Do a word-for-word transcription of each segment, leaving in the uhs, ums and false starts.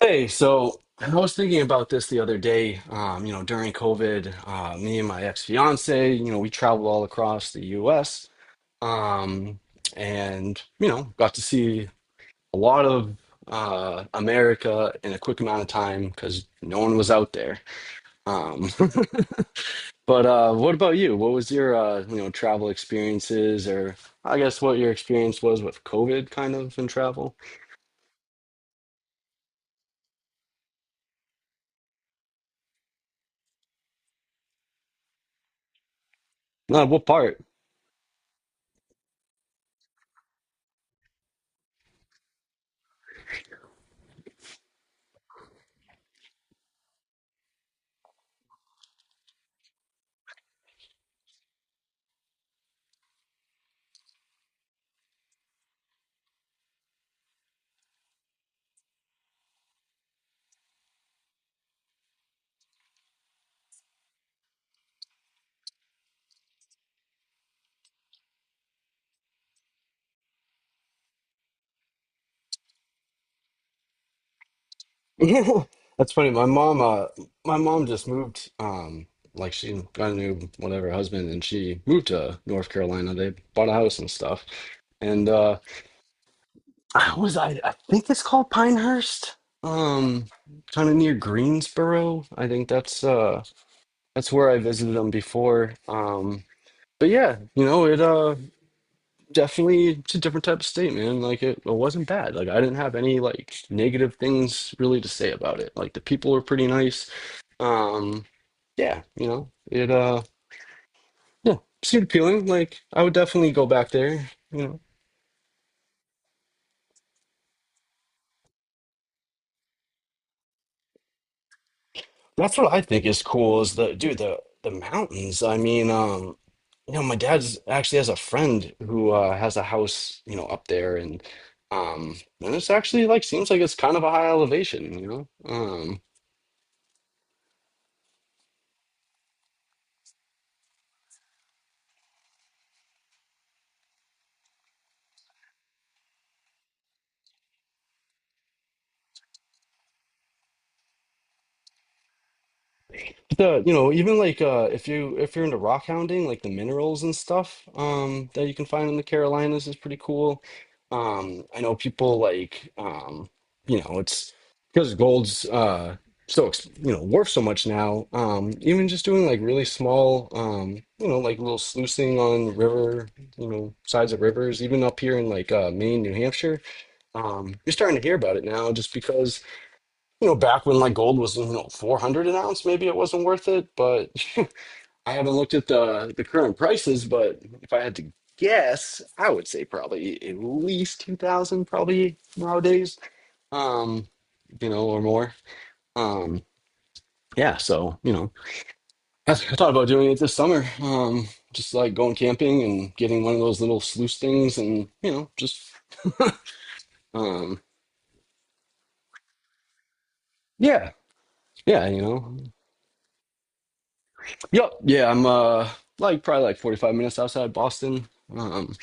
Hey, so I was thinking about this the other day. Um, you know, during COVID, uh, me and my ex-fiance, you know, we traveled all across the U S. Um, and you know, got to see a lot of uh, America in a quick amount of time because no one was out there. Um, but uh, what about you? What was your uh, you know, travel experiences, or I guess what your experience was with COVID, kind of in travel? Uh, what part? That's funny. My mom, uh, my mom just moved. Um, like she got a new whatever husband, and she moved to North Carolina. They bought a house and stuff. And uh, I was I, I think it's called Pinehurst. Um, Kind of near Greensboro. I think that's uh that's where I visited them before. Um, but yeah, you know it. Uh, definitely it's a different type of state, man. Like it, it wasn't bad. Like I didn't have any like negative things really to say about it. Like the people were pretty nice. Um, yeah, you know, it uh yeah, Seemed appealing. Like I would definitely go back there, you know. That's what I think is cool is the dude, the the mountains. I mean, um, you know, my dad's actually has a friend who uh has a house, you know, up there and um and it's actually like seems like it's kind of a high elevation, you know. Um The, you know, even like uh If you if you're into rock hounding, like the minerals and stuff um that you can find in the Carolinas is pretty cool. Um I know people like um you know, it's because gold's uh so ex- you know, worth so much now. Um even just doing like really small um you know, like little sluicing on river, you know, sides of rivers, even up here in like uh Maine, New Hampshire. Um you're starting to hear about it now just because you know, back when like gold was, you know, four hundred an ounce, maybe it wasn't worth it, but I haven't looked at the the current prices, but if I had to guess, I would say probably at least two thousand probably nowadays. Um, you know, or more. Um, yeah, so, you know, I, I thought about doing it this summer. Um, just like going camping and getting one of those little sluice things and, you know, just um yeah, yeah, you know. Yep. Yeah, I'm uh like probably like forty-five minutes outside Boston. Um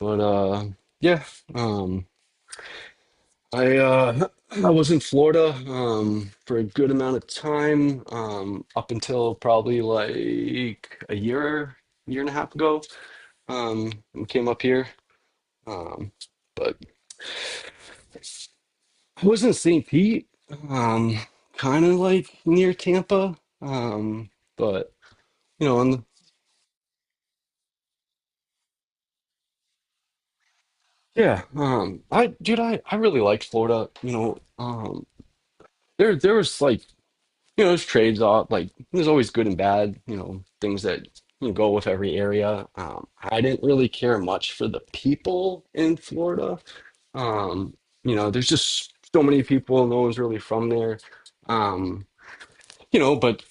but uh yeah, um I uh I was in Florida um for a good amount of time um up until probably like a year year and a half ago. Um and came up here. Um but I was in saint Pete um kind of like near Tampa. Um but you know, on the Yeah, um, I dude, I, I really liked Florida. You know, um, there there was like you know, there's trades off. Like there's always good and bad. You know, things that you know, go with every area. Um, I didn't really care much for the people in Florida. Um, you know, there's just so many people. No one's really from there. Um, you know, but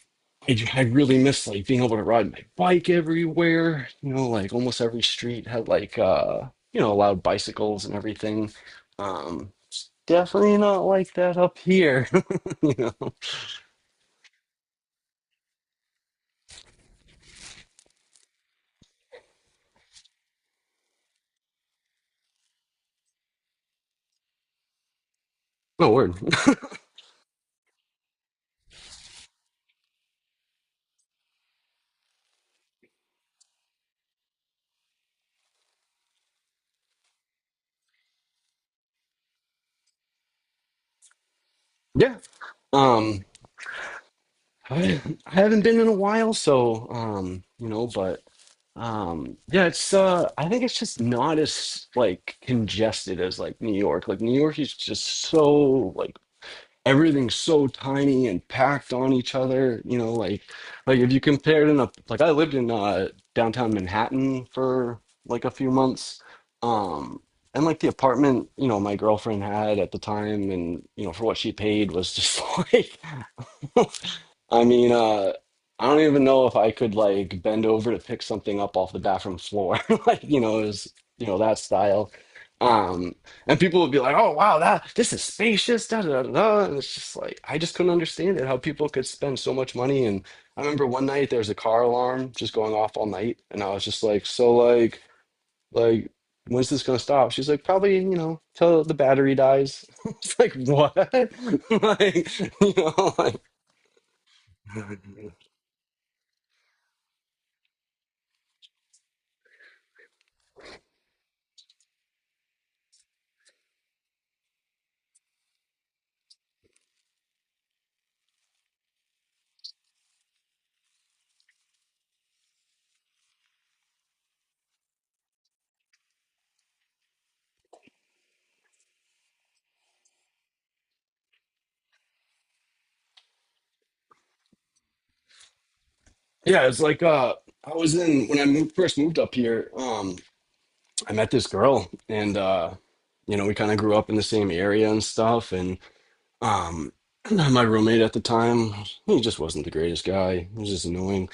I, j- I really miss like being able to ride my bike everywhere. You know, like almost every street had like uh, you know, allowed bicycles and everything. Um, Definitely not like that up here. You know, no word. Yeah. Um, I, I haven't been in a while, so um, you know, but um, yeah, it's uh, I think it's just not as like congested as like New York. Like New York is just so like everything's so tiny and packed on each other you know like like if you compared in a like I lived in uh downtown manhattan for like a few months um and like the apartment you know my girlfriend had at the time and you know for what she paid was just like I mean, uh, I don't even know if I could like bend over to pick something up off the bathroom floor. Like, you know, is you know that style. Um, and people would be like, "Oh, wow, that this is spacious." Da, da, da, da. And it's just like I just couldn't understand it how people could spend so much money. And I remember one night there was a car alarm just going off all night, and I was just like, "So like like." When's this gonna stop? She's like, probably, you know, till the battery dies. It's like, what? Like, you know, Yeah, it's like uh I was in when I moved first moved up here, um I met this girl and uh you know, we kind of grew up in the same area and stuff and um my roommate at the time, he just wasn't the greatest guy. He was just annoying.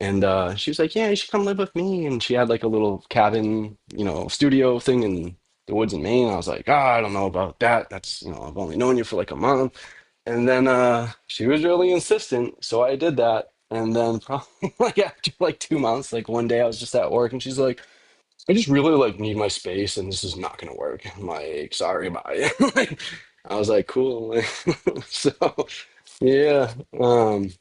And uh she was like, "Yeah, you should come live with me." And she had like a little cabin, you know, studio thing in the woods in Maine. I was like, "Ah, I don't know about that. That's, you know, I've only known you for like a month." And then uh, she was really insistent, so I did that. And then probably like after like two months, like one day I was just at work, and she's like, "I just really like need my space, and this is not gonna work." I'm like, "Sorry, bye." like, I was like, "Cool." so yeah, um,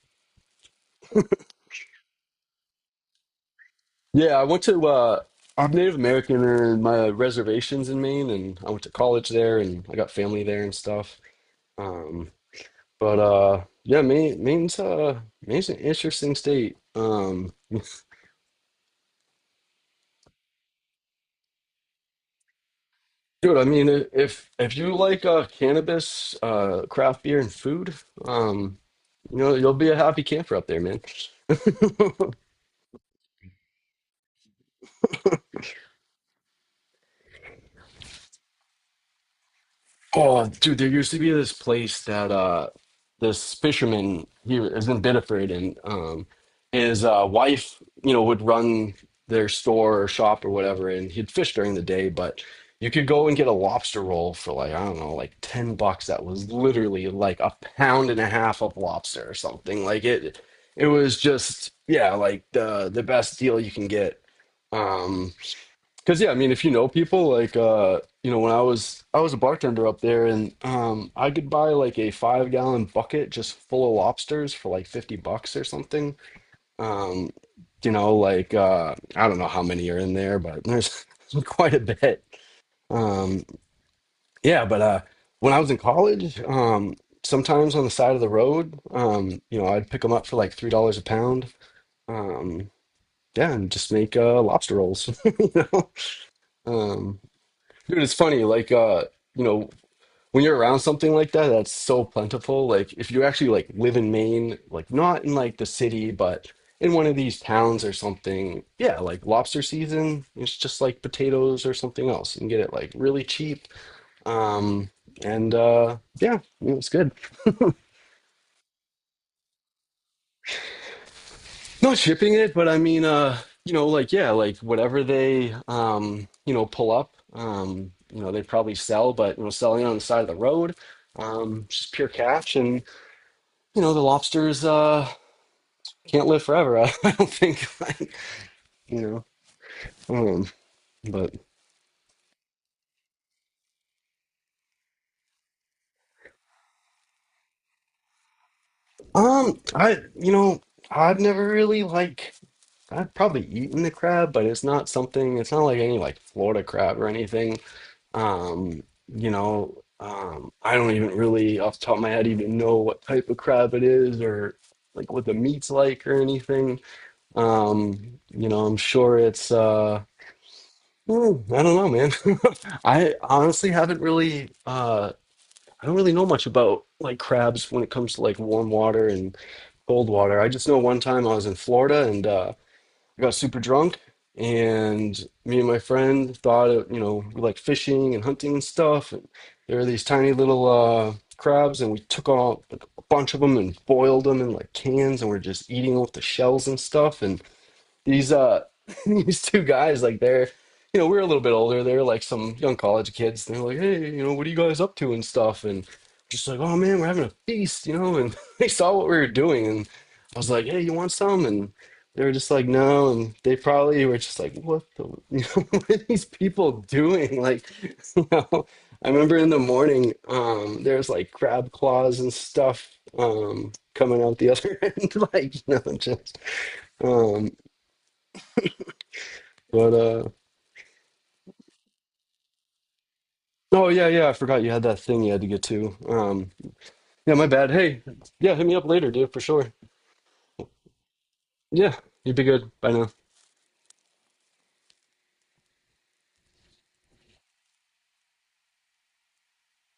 yeah. I went to uh, I'm Native American, and my reservations in Maine, and I went to college there, and I got family there and stuff. Um, but uh, yeah, Maine, Maine's uh, Maine's an interesting state. Um, Dude, I mean, i- if if you like uh, cannabis, uh, craft beer, and food, um, you know, you'll be a happy camper up there, man. Oh, dude, there used to be this place that uh this fisherman here is in Biddeford and um his uh wife, you know, would run their store or shop or whatever and he'd fish during the day, but you could go and get a lobster roll for like, I don't know, like ten bucks that was literally like a pound and a half of lobster or something. Like it it was just yeah, like the the best deal you can get. Um Cause yeah, I mean, if you know people, like uh, you know, when I was I was a bartender up there, and um, I could buy like a five gallon bucket just full of lobsters for like fifty bucks or something. Um, you know, like uh, I don't know how many are in there, but there's quite a bit. Um, yeah, but uh, when I was in college, um, sometimes on the side of the road, um, you know, I'd pick them up for like three dollars a pound. Um, yeah, and just make uh, lobster rolls. You know, um, Dude, it's funny, like uh, you know, when you're around something like that, that's so plentiful. Like if you actually like live in Maine, like not in like the city, but in one of these towns or something, yeah, like lobster season, it's just like potatoes or something else. You can get it like really cheap. Um, and uh yeah, you know, it's good. Not shipping it, but I mean, uh, you know, like yeah, like whatever they, um, you know, pull up, um, you know, they probably sell, but you know, selling it on the side of the road, um, just pure cash, and you know, the lobsters uh can't live forever. I don't think, like, you know, um, but um, I, you know, I've never really like, I've probably eaten the crab, but it's not something. It's not like any like Florida crab or anything. Um, you know, um, I don't even really, off the top of my head, even know what type of crab it is or like what the meat's like or anything. Um, you know, I'm sure it's, uh, hmm, I don't know, man. I honestly haven't really, uh, I don't really know much about like crabs when it comes to like warm water and cold water. I just know one time I was in Florida and. uh, I got super drunk, and me and my friend thought, of, you know, we like fishing and hunting and stuff. And there were these tiny little uh, crabs, and we took all like, a bunch of them and boiled them in like cans, and we're just eating them with the shells and stuff. And these uh these two guys like they're you know we we're a little bit older they're like some young college kids they're like hey you know what are you guys up to and stuff and just like oh man we're having a feast you know and they saw what we were doing and I was like hey you want some and they were just like no and they probably were just like what the you know what are these people doing like you know I remember in the morning um there's like crab claws and stuff um coming out the other end like you know just um. But uh oh yeah, yeah, I forgot you had that thing you had to get to. Um yeah, my bad. Hey, yeah, hit me up later, dude, for sure. Yeah, you'd be good. Bye now.